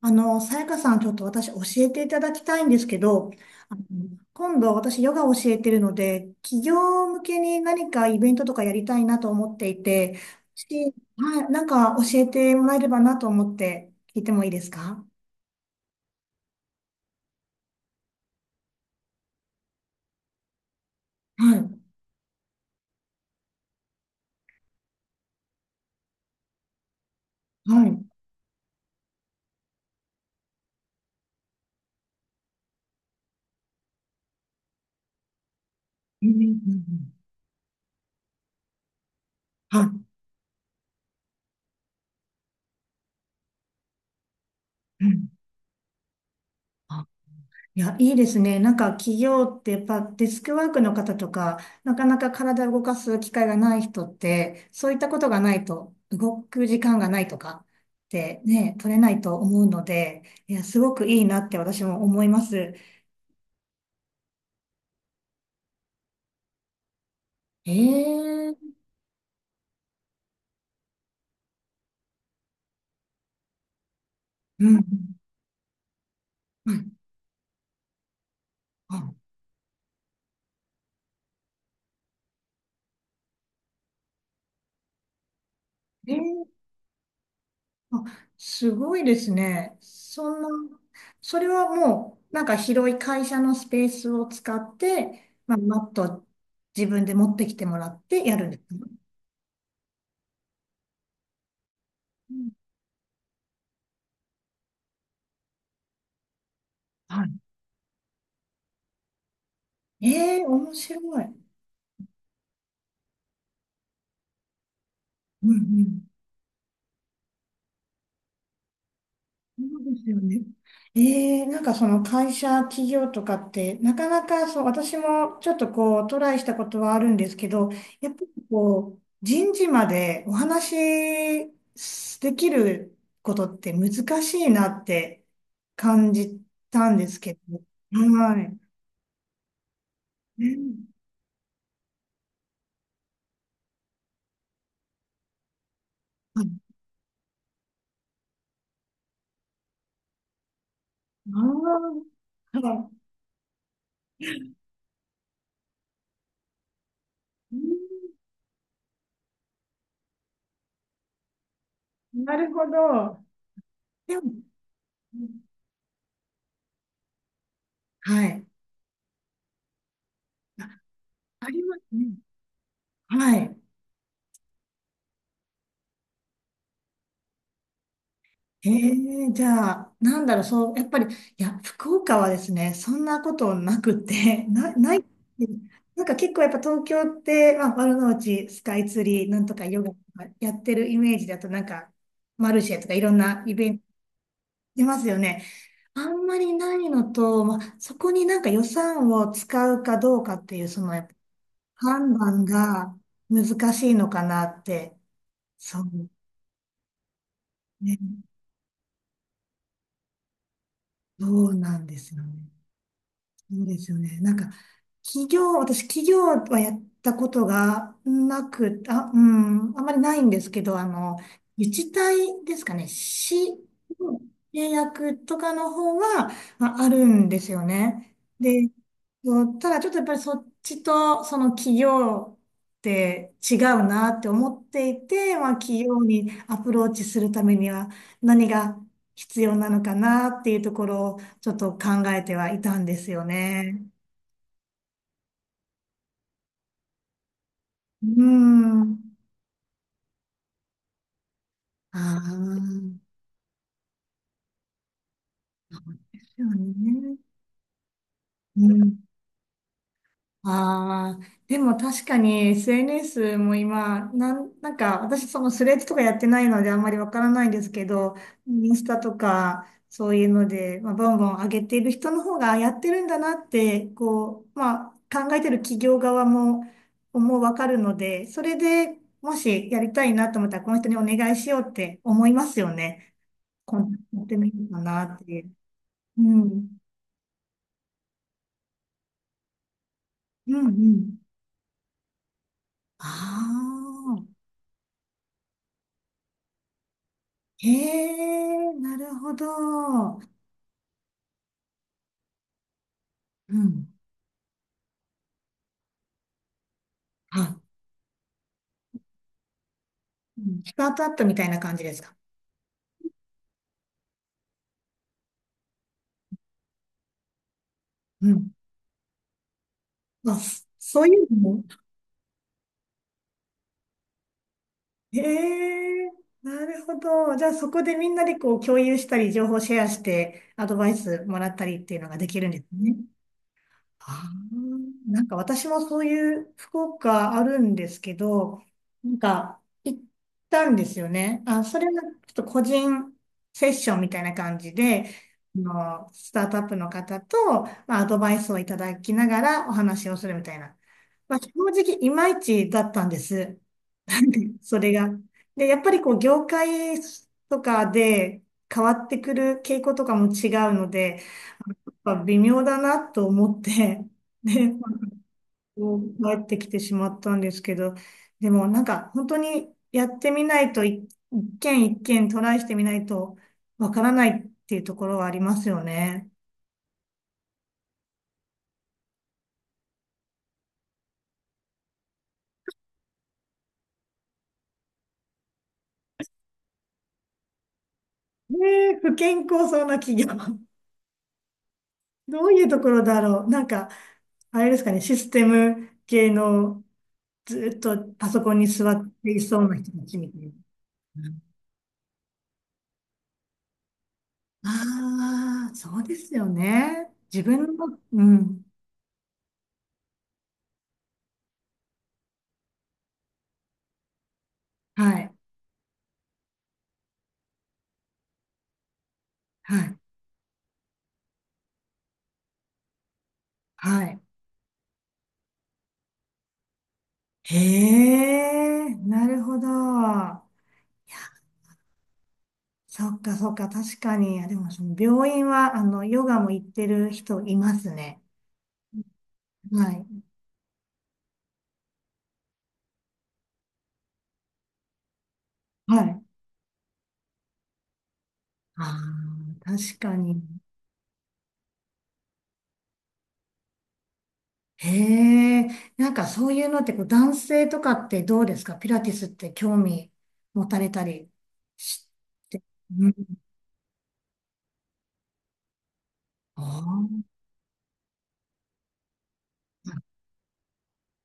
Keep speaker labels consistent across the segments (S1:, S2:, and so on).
S1: さやかさん、ちょっと私教えていただきたいんですけど、あの今度私ヨガを教えてるので、企業向けに何かイベントとかやりたいなと思っていて、はい、なんか教えてもらえればなと思って聞いてもいいですか？はい。はい。うんうん。うんうん。はい。うん。いや、いいですね。なんか企業ってやっぱデスクワークの方とか、なかなか体を動かす機会がない人って、そういったことがないと、動く時間がないとかってね、取れないと思うので、いや、すごくいいなって私も思います。ええ。うん。うん。あ、えー、あ、すごいですね。そんな、それはもう、なんか広い会社のスペースを使って、まあ、マット自分で持ってきてもらってやるんです？うん。はい。ええ、面白い。うんうん。そうですよね。ええ、なんかその会社、企業とかって、なかなかそう、私もちょっとこう、トライしたことはあるんですけど、やっぱりこう、人事までお話しできることって難しいなって感じたんですけど。はい。ね。はい。ああ、はい。うん。なるほど。でも、はい。ありますね。はい。ええ。じゃあ、なんだろう、そう、やっぱり、いや、福岡はですね、そんなことなくて、ない、なんか結構やっぱ東京って、まあ、丸の内、スカイツリー、なんとかヨガとかやってるイメージだと、なんか、マルシェとかいろんなイベント出ますよね。あんまりないのと、まあ、そこになんか予算を使うかどうかっていう、その、やっぱ判断が難しいのかなって、そうね、どうなんですよね。そうですよね。なんか、企業、私、企業はやったことがなく、あ、うん、あまりないんですけど、自治体ですかね、市の契約とかの方は、まあ、あるんですよね。で、そう、ただちょっとやっぱりそっちとその企業って違うなって思っていて、まあ、企業にアプローチするためには何が必要なのかなっていうところをちょっと考えてはいたんですよね。うん。ああ、そうね。うん。ああ、でも確かに SNS も今、なんか私そのスレッズとかやってないのであんまりわからないんですけど、インスタとかそういうので、まあ、ボンボン上げている人の方がやってるんだなって、こう、まあ考えてる企業側も、もうわかるので、それでもしやりたいなと思ったらこの人にお願いしようって思いますよね。こんやってみるかなっていう。うん。うんうん。ああ。へえ、なるほど。うん。はい。うん。スタートアップみたいな感じですか？うん。あ、そういうのも。へえ、なるほど。じゃあそこでみんなでこう共有したり、情報シェアして、アドバイスもらったりっていうのができるんですね。あー、なんか私もそういう福岡あるんですけど、なんか行ったんですよね。あ、それはちょっと個人セッションみたいな感じで、スタートアップの方と、まあ、アドバイスをいただきながらお話をするみたいな。まあ、正直いまいちだったんです。なんでそれが。で、やっぱりこう業界とかで変わってくる傾向とかも違うので、やっぱ微妙だなと思って、で帰ってきてしまったんですけど、でもなんか本当にやってみないと一件一件トライしてみないとわからないっていうところはありますよね。ねえ、不健康そうな企業。どういうところだろう。なんか、あれですかね、システム系のずっとパソコンに座っていそうな人たちみたいな。ああー、そうですよね。自分の、うん。はい。はい。はい。へえ、なるほど。いや、そっかそっか、確かに。いやでも、その病院は、ヨガも行ってる人いますね。はい。はい。ああ、確かに。へえ、なんかそういうのって、こう、男性とかってどうですか、ピラティスって興味持たれたりして？うん。あー、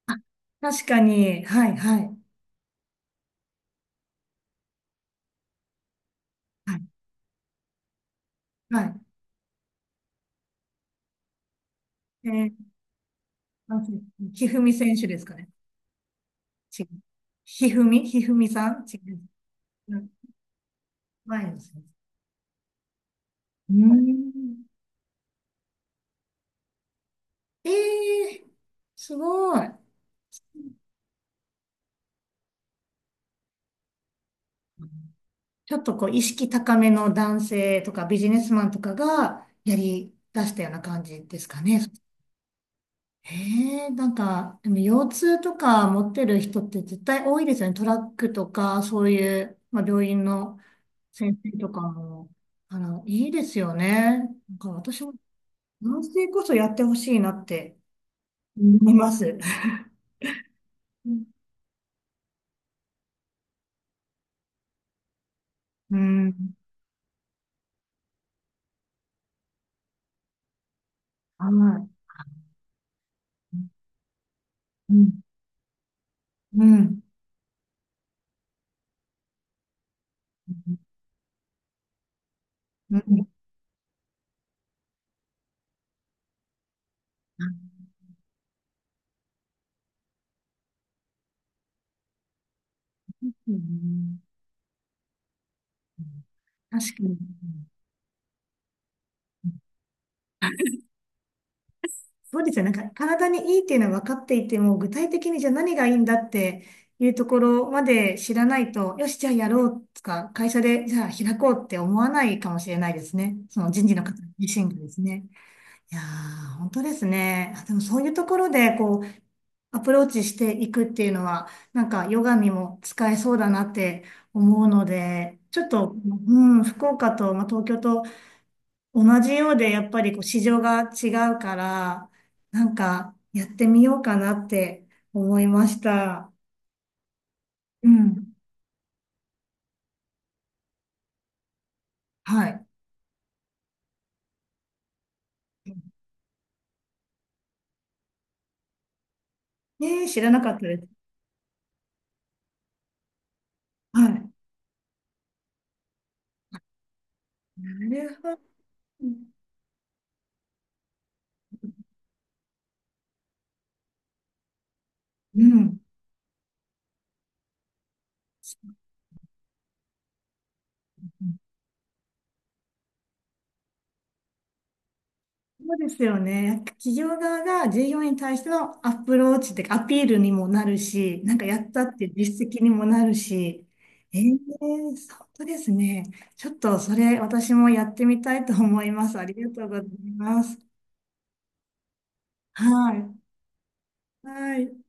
S1: あ、確かに。はい、はい。はい、はい。あ、ひふみ選手ですかね。違う。ひふみさん違う。うん。前の先生。うん。ええー、すごい。ちょっとこう、意識高めの男性とかビジネスマンとかがやり出したような感じですかね。ええ。なんか、でも腰痛とか持ってる人って絶対多いですよね。トラックとか、そういう、まあ、病院の先生とかも、いいですよね。なんか私も、男性こそやってほしいなって思います。うん。うん。はい。うん。うん。うん。うん。確かに。そうですよ。なんか体にいいっていうのは分かっていても、具体的にじゃあ何がいいんだっていうところまで知らないと、よし、じゃあやろうとか、会社でじゃあ開こうって思わないかもしれないですね。その人事の方自身がですね。いやー、本当ですね。あ、でもそういうところで、こう、アプローチしていくっていうのは、なんかヨガにも使えそうだなって思うので、ちょっと、うん、福岡と、まあ、東京と同じようで、やっぱりこう市場が違うから、なんかやってみようかなって思いました。うん。はい。ねえ、知らなかったです。はい。なるほど。うん。そうですよね。企業側が従業員に対してのアプローチっていうか、アピールにもなるし、なんかやったっていう実績にもなるし、ええ、本当ですね。ちょっとそれ私もやってみたいと思います。ありがとうございます。はい。はい。